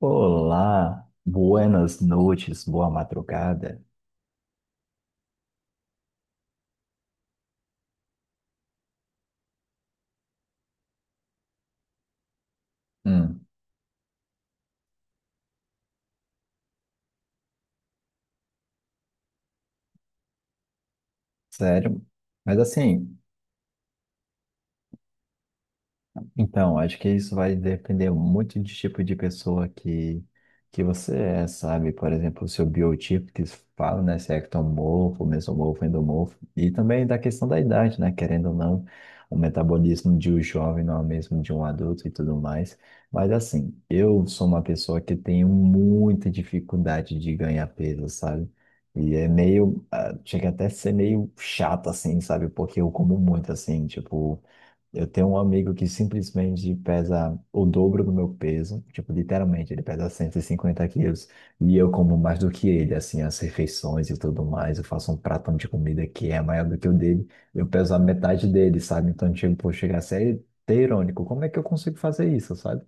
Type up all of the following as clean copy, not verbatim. Olá, buenas noites, boa madrugada. Hum. Sério? Mas assim, então, acho que isso vai depender muito de tipo de pessoa que você é, sabe? Por exemplo, o seu biotipo que se fala, né? Se é ectomorfo, mesomorfo, endomorfo. E também da questão da idade, né? Querendo ou não, o metabolismo de um jovem não é o mesmo de um adulto e tudo mais. Mas assim, eu sou uma pessoa que tenho muita dificuldade de ganhar peso, sabe? E é meio, ah, chega até a ser meio chato, assim, sabe? Porque eu como muito, assim, tipo. Eu tenho um amigo que simplesmente pesa o dobro do meu peso, tipo, literalmente, ele pesa 150 quilos, e eu como mais do que ele, assim, as refeições e tudo mais, eu faço um pratão de comida que é maior do que o dele, eu peso a metade dele, sabe? Então, tipo, chega a ser até irônico, como é que eu consigo fazer isso, sabe?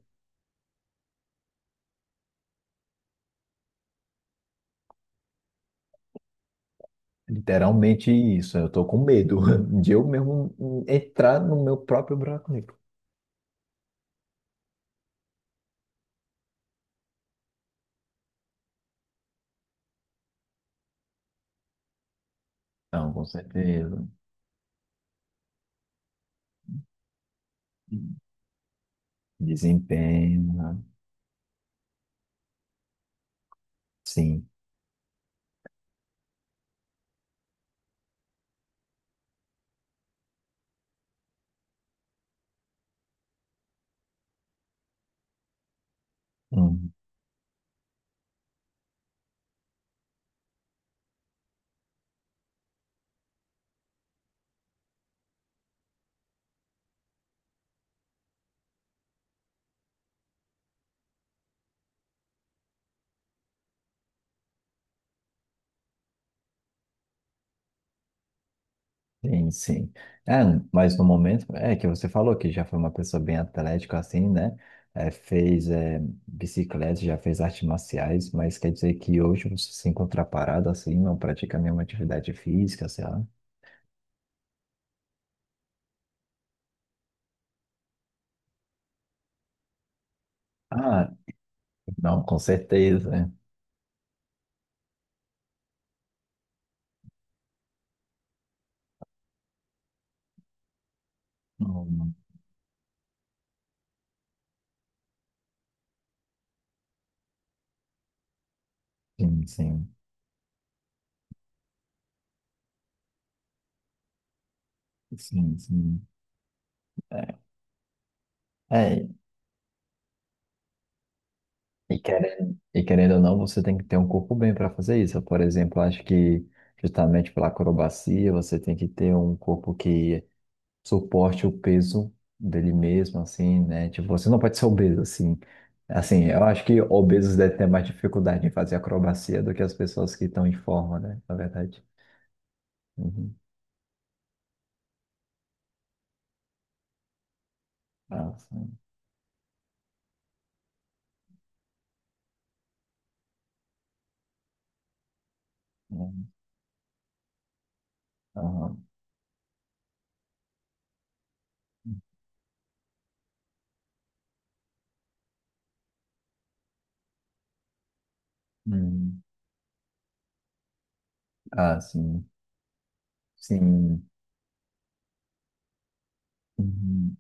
Literalmente isso, eu tô com medo de eu mesmo entrar no meu próprio buraco negro. Não, com certeza. Desempenho, né? Sim. Uhum. Sim, sim. É, mas no momento, é que você falou que já foi uma pessoa bem atlética, assim, né? É, fez bicicleta, já fez artes marciais, mas quer dizer que hoje você se encontra parado, assim, não pratica nenhuma atividade física, sei lá. Ah, não, com certeza. Né? Hum. Sim, sim. Sim, sim. É, é, e querendo ou não, você tem que ter um corpo bem para fazer isso. Por exemplo, acho que justamente pela acrobacia, você tem que ter um corpo que suporte o peso dele mesmo, assim, né? Tipo, você não pode ser obeso, assim. Assim, eu acho que obesos devem ter mais dificuldade em fazer acrobacia do que as pessoas que estão em forma, né? Na verdade. Uhum. Ah, sim. Uhum. Aham. Uhum. Ah, sim. Sim. Uhum.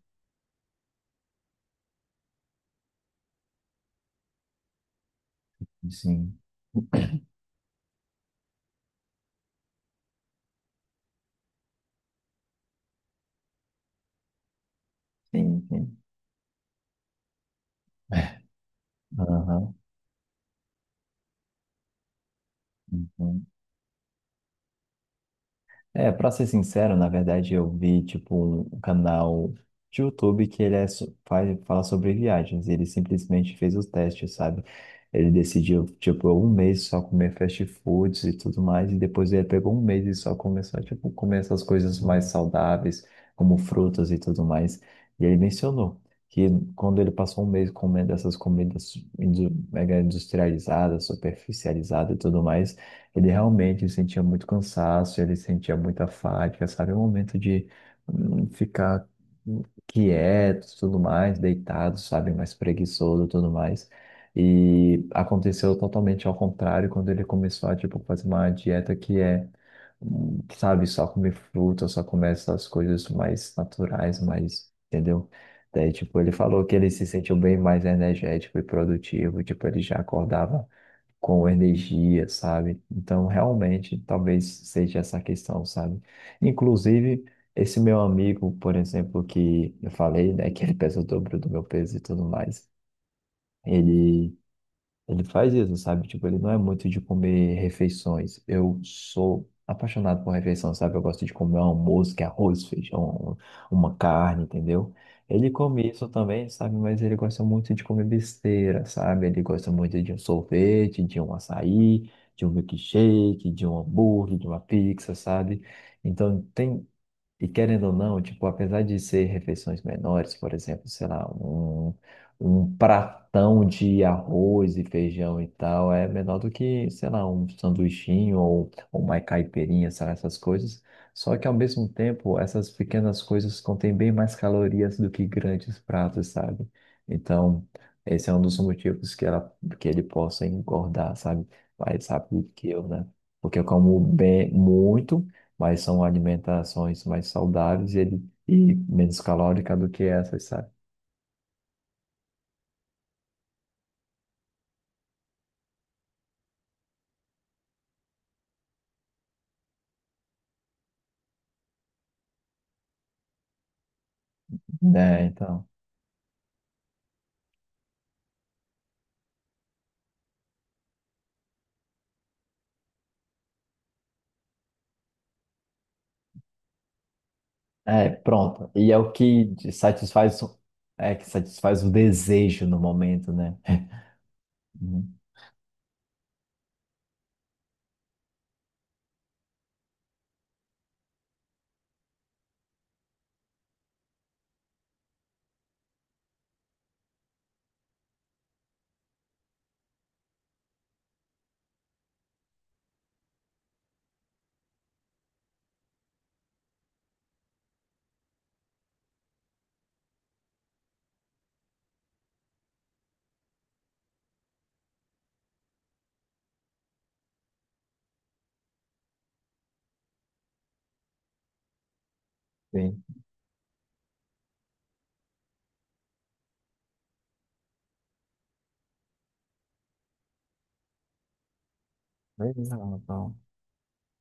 Sim. Sim, sim. Aham. Uhum. É, pra ser sincero, na verdade eu vi, tipo, um canal de YouTube que ele é, fala sobre viagens. E ele simplesmente fez os testes, sabe? Ele decidiu, tipo, um mês só comer fast foods e tudo mais, e depois ele pegou um mês e só começou, tipo, comer essas coisas mais saudáveis, como frutas e tudo mais. E ele mencionou que quando ele passou um mês comendo essas comidas mega industrializadas, superficializadas e tudo mais, ele realmente sentia muito cansaço, ele sentia muita fadiga, sabe? O momento de ficar quieto, tudo mais, deitado, sabe? Mais preguiçoso, tudo mais. E aconteceu totalmente ao contrário quando ele começou a, tipo, fazer uma dieta que é, sabe, só comer fruta, só comer essas coisas mais naturais, mais, entendeu? Daí, tipo, ele falou que ele se sentiu bem mais energético e produtivo, tipo, ele já acordava com energia, sabe? Então, realmente, talvez seja essa questão, sabe? Inclusive, esse meu amigo, por exemplo, que eu falei, né, que ele pesa o dobro do meu peso e tudo mais, ele ele faz isso, sabe? Tipo, ele não é muito de comer refeições. Eu sou apaixonado por refeição, sabe? Eu gosto de comer um almoço, que é arroz, feijão, uma carne, entendeu? Ele come isso também, sabe? Mas ele gosta muito de comer besteira, sabe? Ele gosta muito de um sorvete, de um açaí, de um milkshake, de um hambúrguer, de uma pizza, sabe? Então, tem e querendo ou não, tipo, apesar de ser refeições menores, por exemplo, sei lá, um pratão de arroz e feijão e tal, é menor do que, sei lá, um sanduichinho ou uma caipirinha, sabe, essas coisas. Só que ao mesmo tempo, essas pequenas coisas contêm bem mais calorias do que grandes pratos, sabe? Então, esse é um dos motivos que ele possa engordar, sabe? Mais rápido que eu, né? Porque eu como bem muito mas são alimentações mais saudáveis e menos calórica do que essas, sabe? Né? Então, é, pronto. E é o que te satisfaz, é que satisfaz o desejo no momento, né? Uhum. Sim. Legal, então,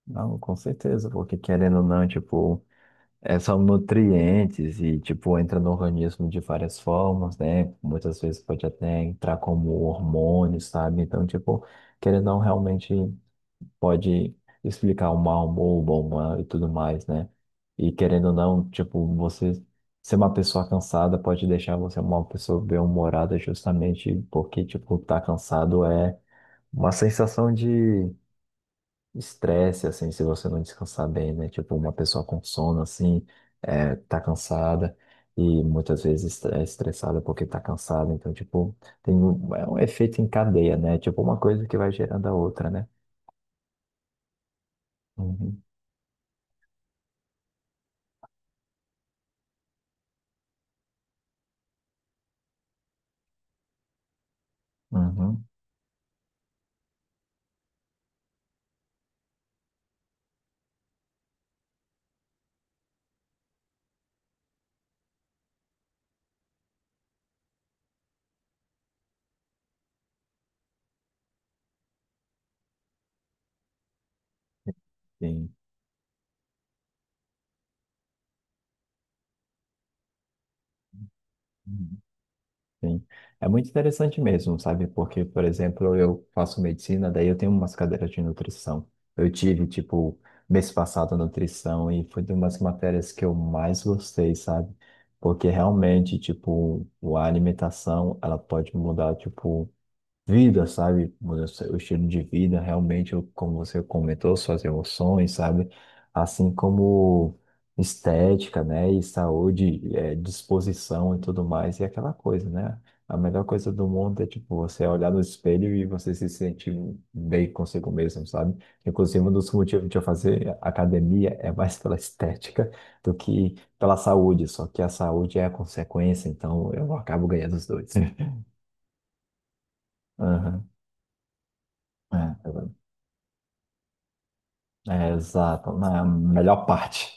não, com certeza, porque querendo ou não, tipo, são nutrientes e, tipo, entra no organismo de várias formas, né? Muitas vezes pode até entrar como hormônio, sabe? Então, tipo, querendo ou não, realmente, pode explicar o mal, o bom humor e tudo mais, né? E querendo ou não, tipo, você ser uma pessoa cansada pode deixar você uma pessoa bem-humorada justamente porque, tipo, tá cansado é uma sensação de estresse, assim, se você não descansar bem, né? Tipo, uma pessoa com sono, assim, tá cansada. E muitas vezes é estressada porque tá cansada. Então, tipo, é um efeito em cadeia, né? Tipo, uma coisa que vai gerando a outra, né? Uhum, uhum. Sim, Uhum. Sim. É muito interessante mesmo, sabe? Porque, por exemplo, eu faço medicina, daí eu tenho umas cadeiras de nutrição. Eu tive, tipo, mês passado nutrição e foi de umas matérias que eu mais gostei, sabe? Porque realmente, tipo, a alimentação, ela pode mudar, tipo, vida, sabe? Muda o estilo de vida, realmente, como você comentou, suas emoções, sabe? Assim como estética, né? E saúde, disposição e tudo mais, e aquela coisa, né? A melhor coisa do mundo é, tipo, você olhar no espelho e você se sentir bem consigo mesmo, sabe? Inclusive, um dos motivos de eu fazer academia é mais pela estética do que pela saúde, só que a saúde é a consequência, então eu acabo ganhando os dois. Aham. É, é É, exato, na melhor parte.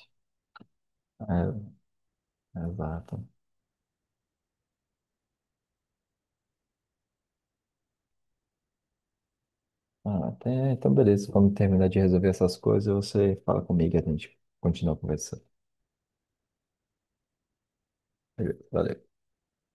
É, exato. Ah, até, então, beleza. Quando terminar de resolver essas coisas, você fala comigo e a gente continua conversando. Beleza, valeu.